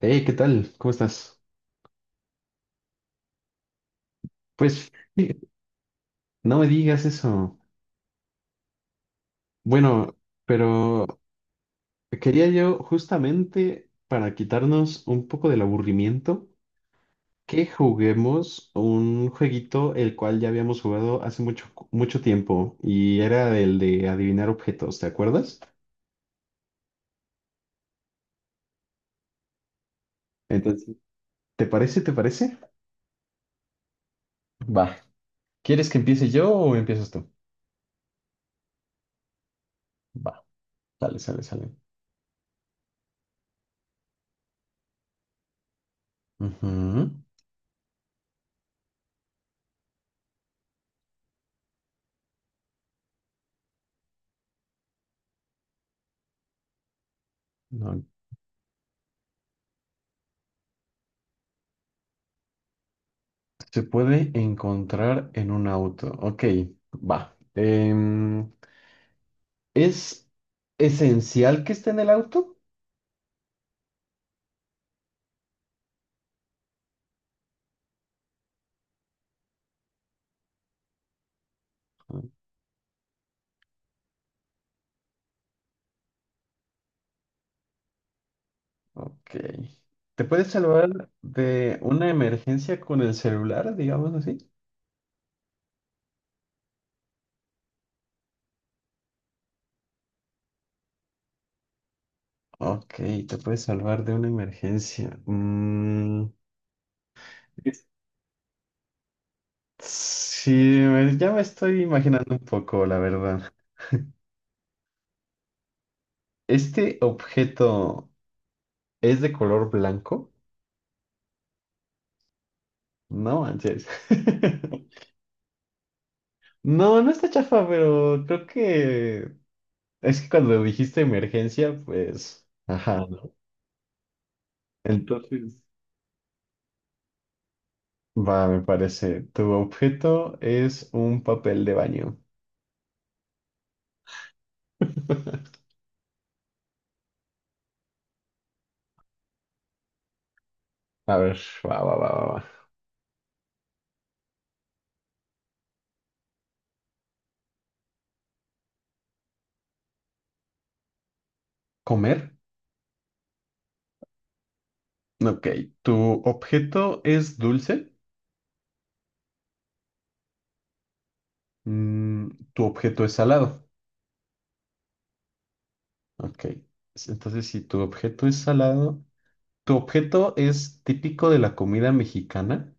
Hey, ¿qué tal? ¿Cómo estás? Pues no me digas eso. Bueno, pero quería yo justamente para quitarnos un poco del aburrimiento que juguemos un jueguito el cual ya habíamos jugado hace mucho tiempo y era el de adivinar objetos, ¿te acuerdas? Entonces, ¿te parece? ¿Te parece? Va. ¿Quieres que empiece yo o empiezas tú? Va, sale. Ujú. Se puede encontrar en un auto. Ok, va. ¿Es esencial que esté en el auto? Ok. ¿Te puedes salvar de una emergencia con el celular, digamos así? Ok, te puedes salvar de una emergencia. Mm, es- sí, ya me estoy imaginando un poco, la verdad. ¿Este objeto es de color blanco? No manches. No, no está chafa, pero creo que es que cuando dijiste emergencia, pues, ajá, ¿no? Entonces, va, me parece. Tu objeto es un papel de baño. A ver, va. ¿Comer? Ok. ¿Tu objeto es dulce? Mm, ¿tu objeto es salado? Ok. Entonces, si tu objeto es salado, ¿tu objeto es típico de la comida mexicana?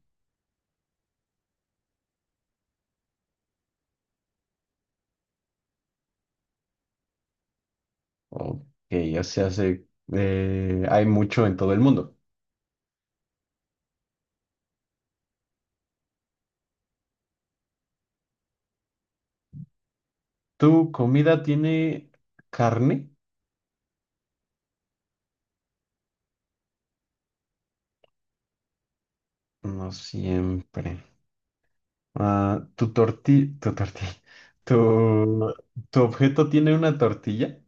Ok, o sea, se, hay mucho en todo el mundo. ¿Tu comida tiene carne? No siempre. Ah, tu tortilla, tu, tu objeto tiene una tortilla?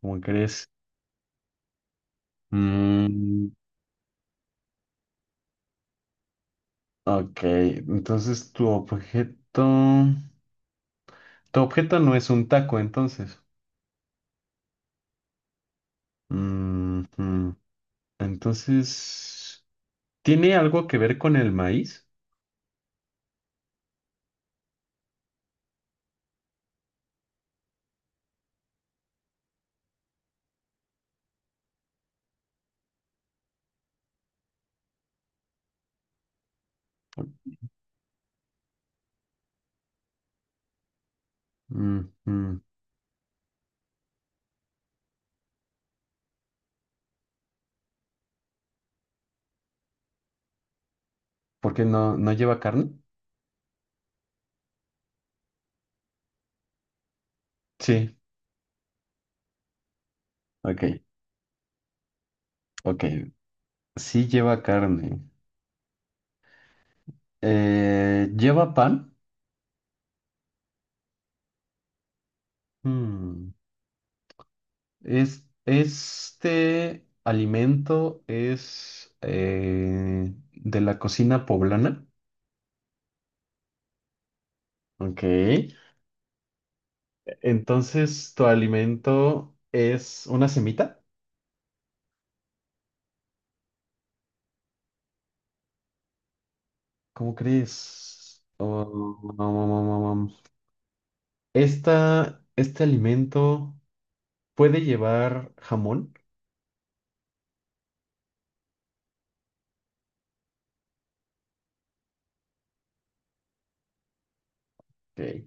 ¿Cómo crees? Mm, ok, tu objeto no es un taco, entonces. Mm, mm. Entonces, ¿tiene algo que ver con el maíz? Mm, mm. ¿Por qué no lleva carne? Sí, ok, ok. Sí lleva carne. ¿Lleva pan? Hmm, es, este alimento es de la cocina poblana. Ok. Entonces, ¿tu alimento es una semita? ¿Cómo crees? Oh, no. Esta, este alimento puede llevar jamón. Ok.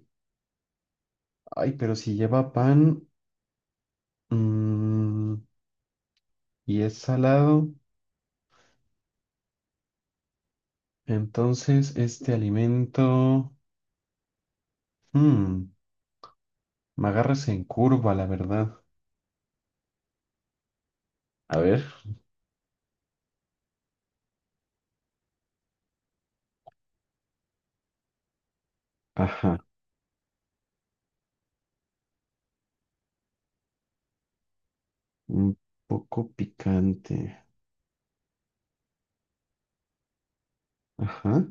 Ay, pero si lleva pan, mm, y es salado. Entonces, este alimento, mm, me agarras en curva, la verdad. A ver. Ajá, un poco picante. Ajá,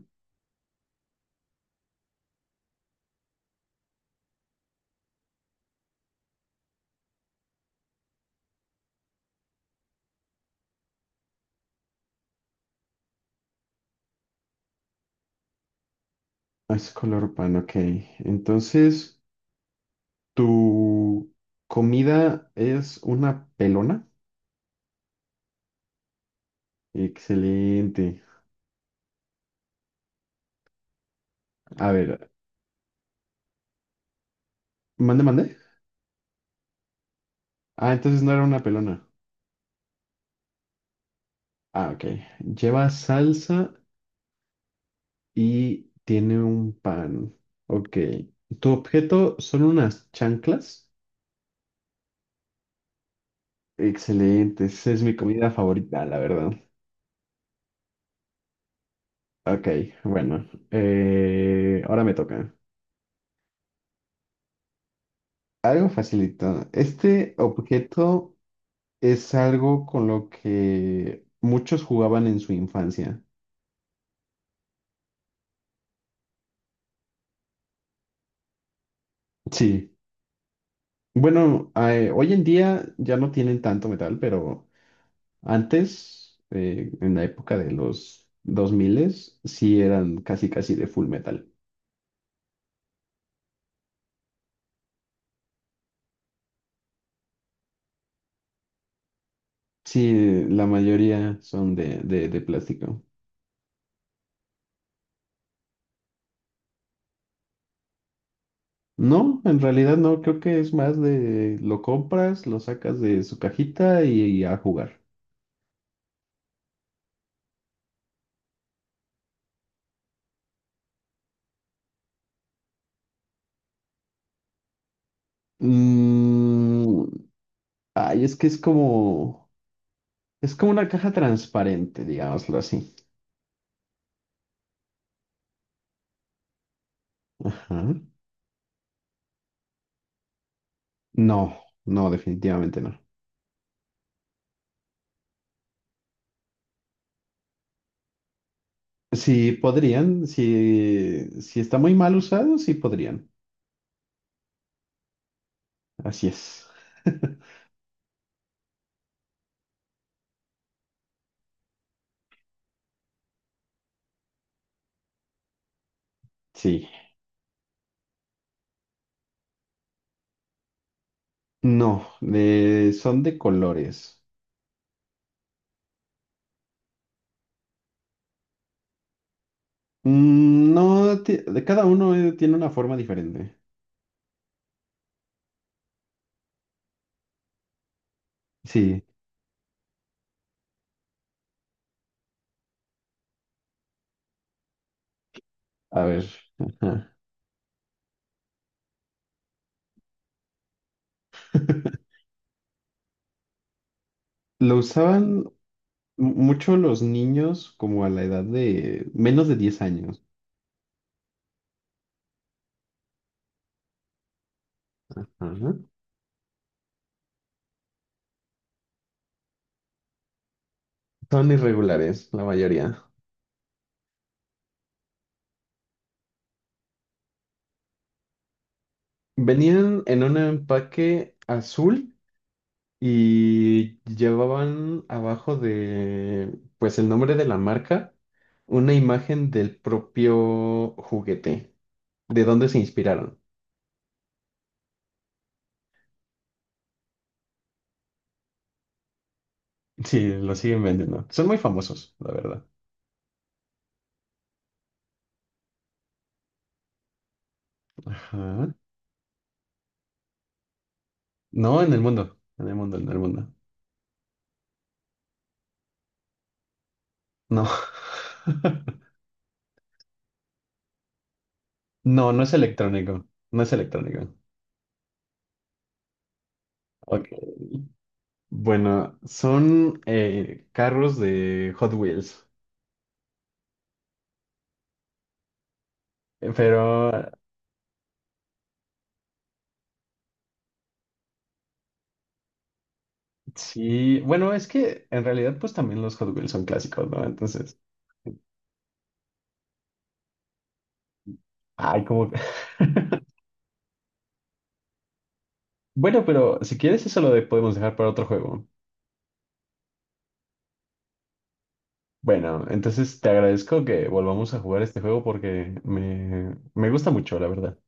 es color pan, ok. Entonces, ¿tu comida es una pelona? Excelente. A ver, mande, mande. Ah, entonces no era una pelona. Ah, ok. Lleva salsa y tiene un pan. Ok. ¿Tu objeto son unas chanclas? Excelente, esa es mi comida favorita, la verdad. Ok, bueno, ahora me toca. Algo facilito. Este objeto es algo con lo que muchos jugaban en su infancia. Sí. Bueno, hoy en día ya no tienen tanto metal, pero antes, en la época de los 2000, sí eran casi casi de full metal. Sí, la mayoría son de plástico. No, en realidad no, creo que es más de lo compras, lo sacas de su cajita y a jugar. Mm, ay, es como una caja transparente, digámoslo así. Ajá. No, no, definitivamente no. Sí podrían, si está muy mal usado, sí podrían. Así es. Sí. No, son de colores. Mm, no, de cada uno tiene una forma diferente. Sí, a ver, ajá. Lo usaban mucho los niños como a la edad de menos de 10 años. Ajá. Son irregulares, la mayoría. Venían en un empaque azul y llevaban abajo de, pues el nombre de la marca, una imagen del propio juguete, de dónde se inspiraron. Sí, lo siguen vendiendo. Son muy famosos, la verdad. Ajá. No, en el mundo, en el mundo, en el mundo. No. No, no es electrónico, no es electrónico. Ok. Bueno, son carros de Hot Wheels, pero sí, bueno, es que en realidad pues también los Hot Wheels son clásicos, ¿no? Entonces, ay, Bueno, pero si quieres eso podemos dejar para otro juego. Bueno, entonces te agradezco que volvamos a jugar este juego porque me gusta mucho, la verdad.